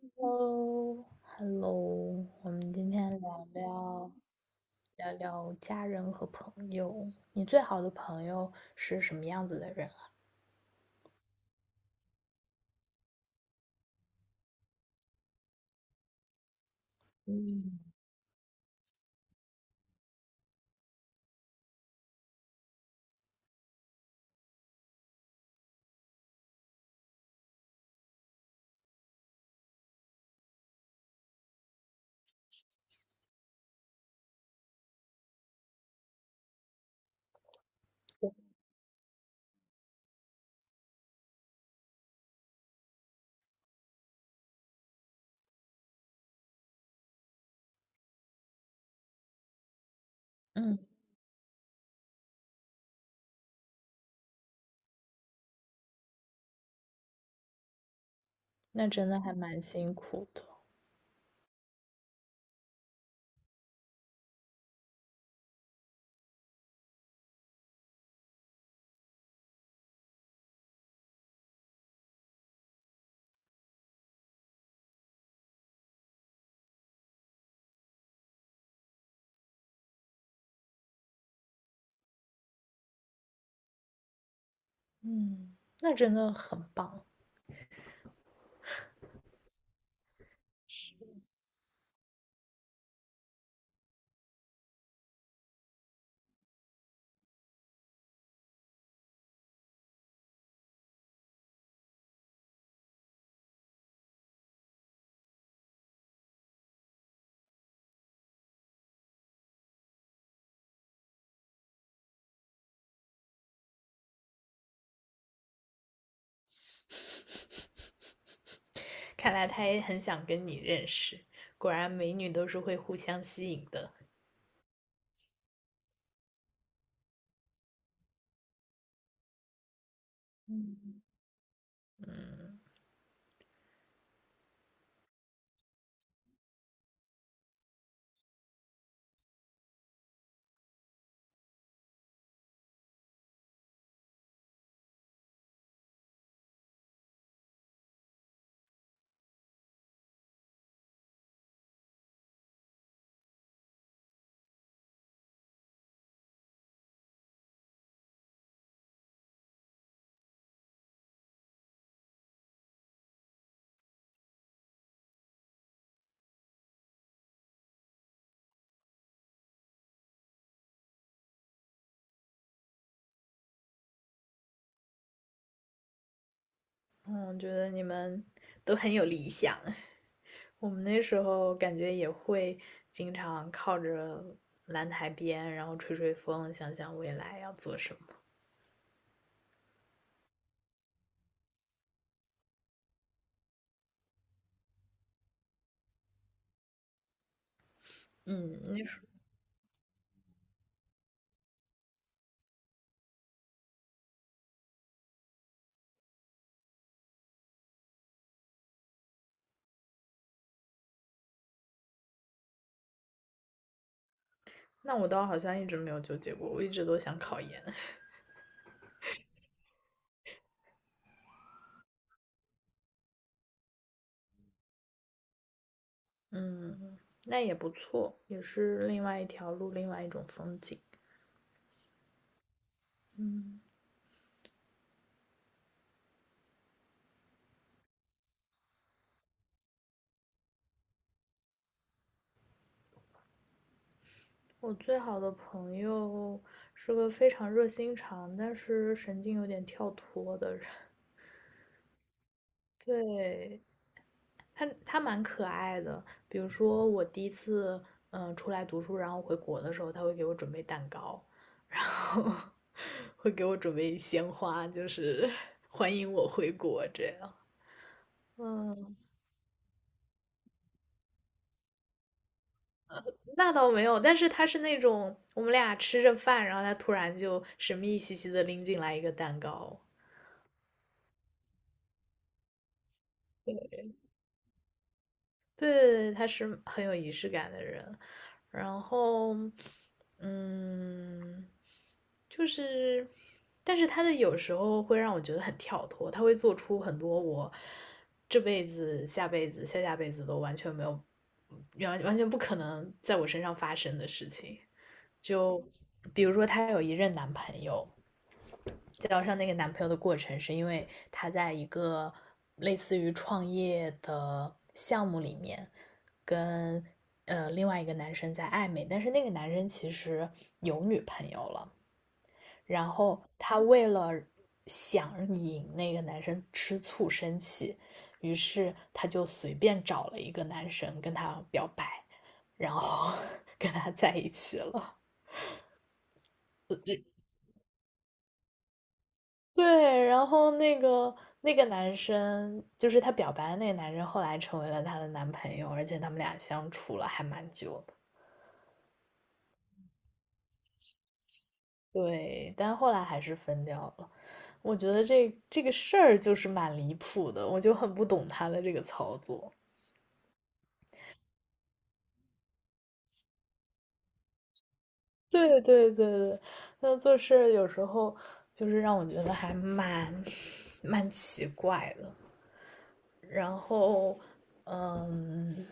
Hello，Hello，我们今天聊聊家人和朋友。你最好的朋友是什么样子的人啊？嗯，嗯，那真的还蛮辛苦的。嗯，那真的很棒。看来他也很想跟你认识，果然美女都是会互相吸引的。嗯嗯，我觉得你们都很有理想。我们那时候感觉也会经常靠着蓝台边，然后吹吹风，想想未来要做什么。嗯，那时候那我倒好像一直没有纠结过，我一直都想考研。嗯，那也不错，也是另外一条路，另外一种风景。嗯，我最好的朋友是个非常热心肠，但是神经有点跳脱的人。对，他蛮可爱的，比如说我第一次出来读书，然后回国的时候，他会给我准备蛋糕，然后会给我准备鲜花，就是 欢迎我回国这样。嗯，那倒没有，但是他是那种我们俩吃着饭，然后他突然就神秘兮兮的拎进来一个蛋糕。对对对，他是很有仪式感的人。然后，嗯，就是，但是他的有时候会让我觉得很跳脱，他会做出很多我这辈子、下辈子、下下辈子都完全没有、完完全不可能在我身上发生的事情。就比如说，她有一任男朋友，交上那个男朋友的过程，是因为她在一个类似于创业的项目里面，跟另外一个男生在暧昧，但是那个男生其实有女朋友了，然后她为了想引那个男生吃醋生气，于是她就随便找了一个男生跟他表白，然后 跟他在一起了。对，然后那个男生，就是他表白的那个男生，后来成为了她的男朋友，而且他们俩相处了还蛮久的。对，但后来还是分掉了。我觉得这个事儿就是蛮离谱的，我就很不懂他的这个操作。对对对对，他做事儿有时候就是让我觉得还蛮奇怪的。然后，嗯，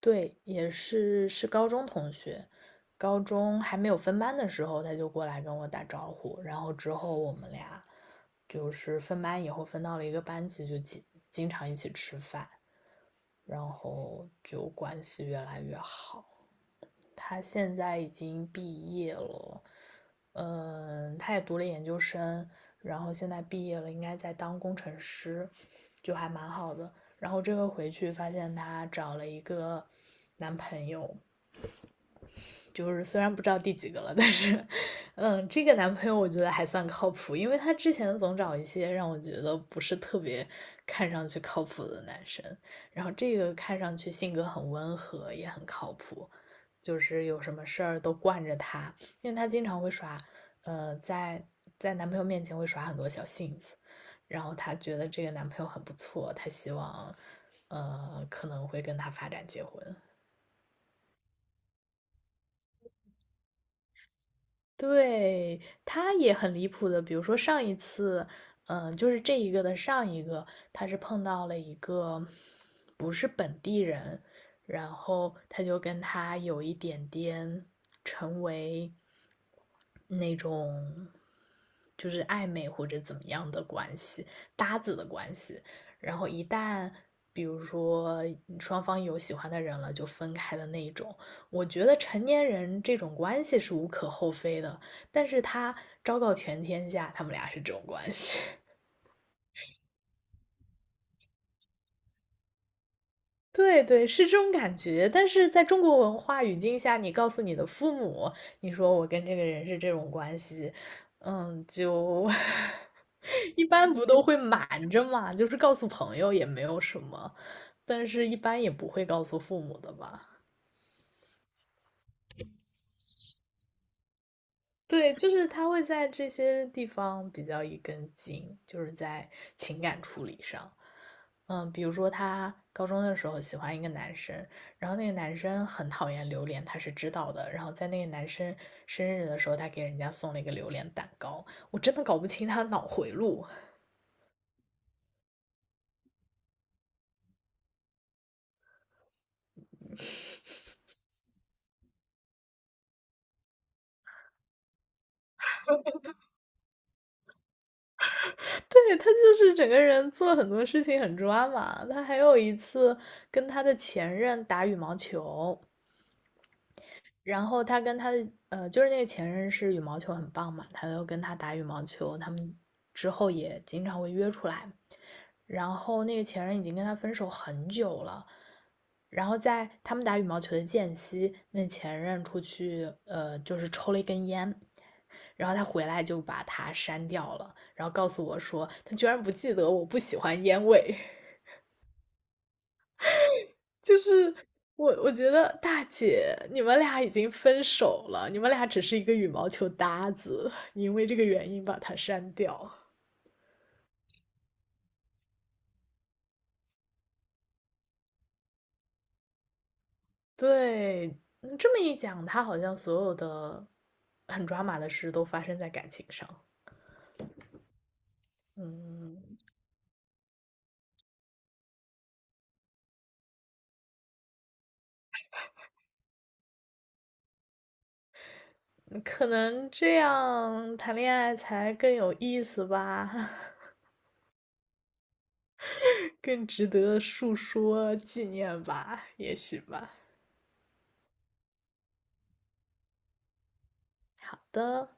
对，也是高中同学，高中还没有分班的时候，他就过来跟我打招呼，然后之后我们俩就是分班以后分到了一个班级，就经常一起吃饭，然后就关系越来越好。他现在已经毕业了，嗯，他也读了研究生，然后现在毕业了，应该在当工程师，就还蛮好的。然后这回回去发现她找了一个男朋友，就是虽然不知道第几个了，但是，嗯，这个男朋友我觉得还算靠谱，因为他之前总找一些让我觉得不是特别看上去靠谱的男生，然后这个看上去性格很温和，也很靠谱，就是有什么事儿都惯着他，因为他经常会耍，呃，在在男朋友面前会耍很多小性子，然后他觉得这个男朋友很不错，他希望，可能会跟他发展结婚。对，他也很离谱的，比如说上一次，嗯、就是这一个的上一个，他是碰到了一个不是本地人，然后他就跟他有一点点成为那种就是暧昧或者怎么样的关系，搭子的关系，然后一旦比如说双方有喜欢的人了，就分开的那一种。我觉得成年人这种关系是无可厚非的，但是他昭告全天下，他们俩是这种关系。对对，是这种感觉。但是在中国文化语境下，你告诉你的父母，你说我跟这个人是这种关系，嗯，就 一般不都会瞒着嘛，就是告诉朋友也没有什么，但是一般也不会告诉父母的吧。对，就是他会在这些地方比较一根筋，就是在情感处理上。嗯，比如说他高中的时候喜欢一个男生，然后那个男生很讨厌榴莲，他是知道的。然后在那个男生生日的时候，他给人家送了一个榴莲蛋糕。我真的搞不清他的脑回路。对，他就是整个人做很多事情很抓马。他还有一次跟他的前任打羽毛球。然后他跟他的就是那个前任是羽毛球很棒嘛，他都跟他打羽毛球，他们之后也经常会约出来。然后那个前任已经跟他分手很久了，然后在他们打羽毛球的间隙，那前任出去就是抽了一根烟，然后他回来就把他删掉了，然后告诉我说他居然不记得我不喜欢烟味。就是我觉得大姐，你们俩已经分手了，你们俩只是一个羽毛球搭子，你因为这个原因把他删掉。对，嗯这么一讲，他好像所有的很抓马的事都发生在感情上。嗯，嗯可能这样谈恋爱才更有意思吧，更值得述说纪念吧，也许吧。好的，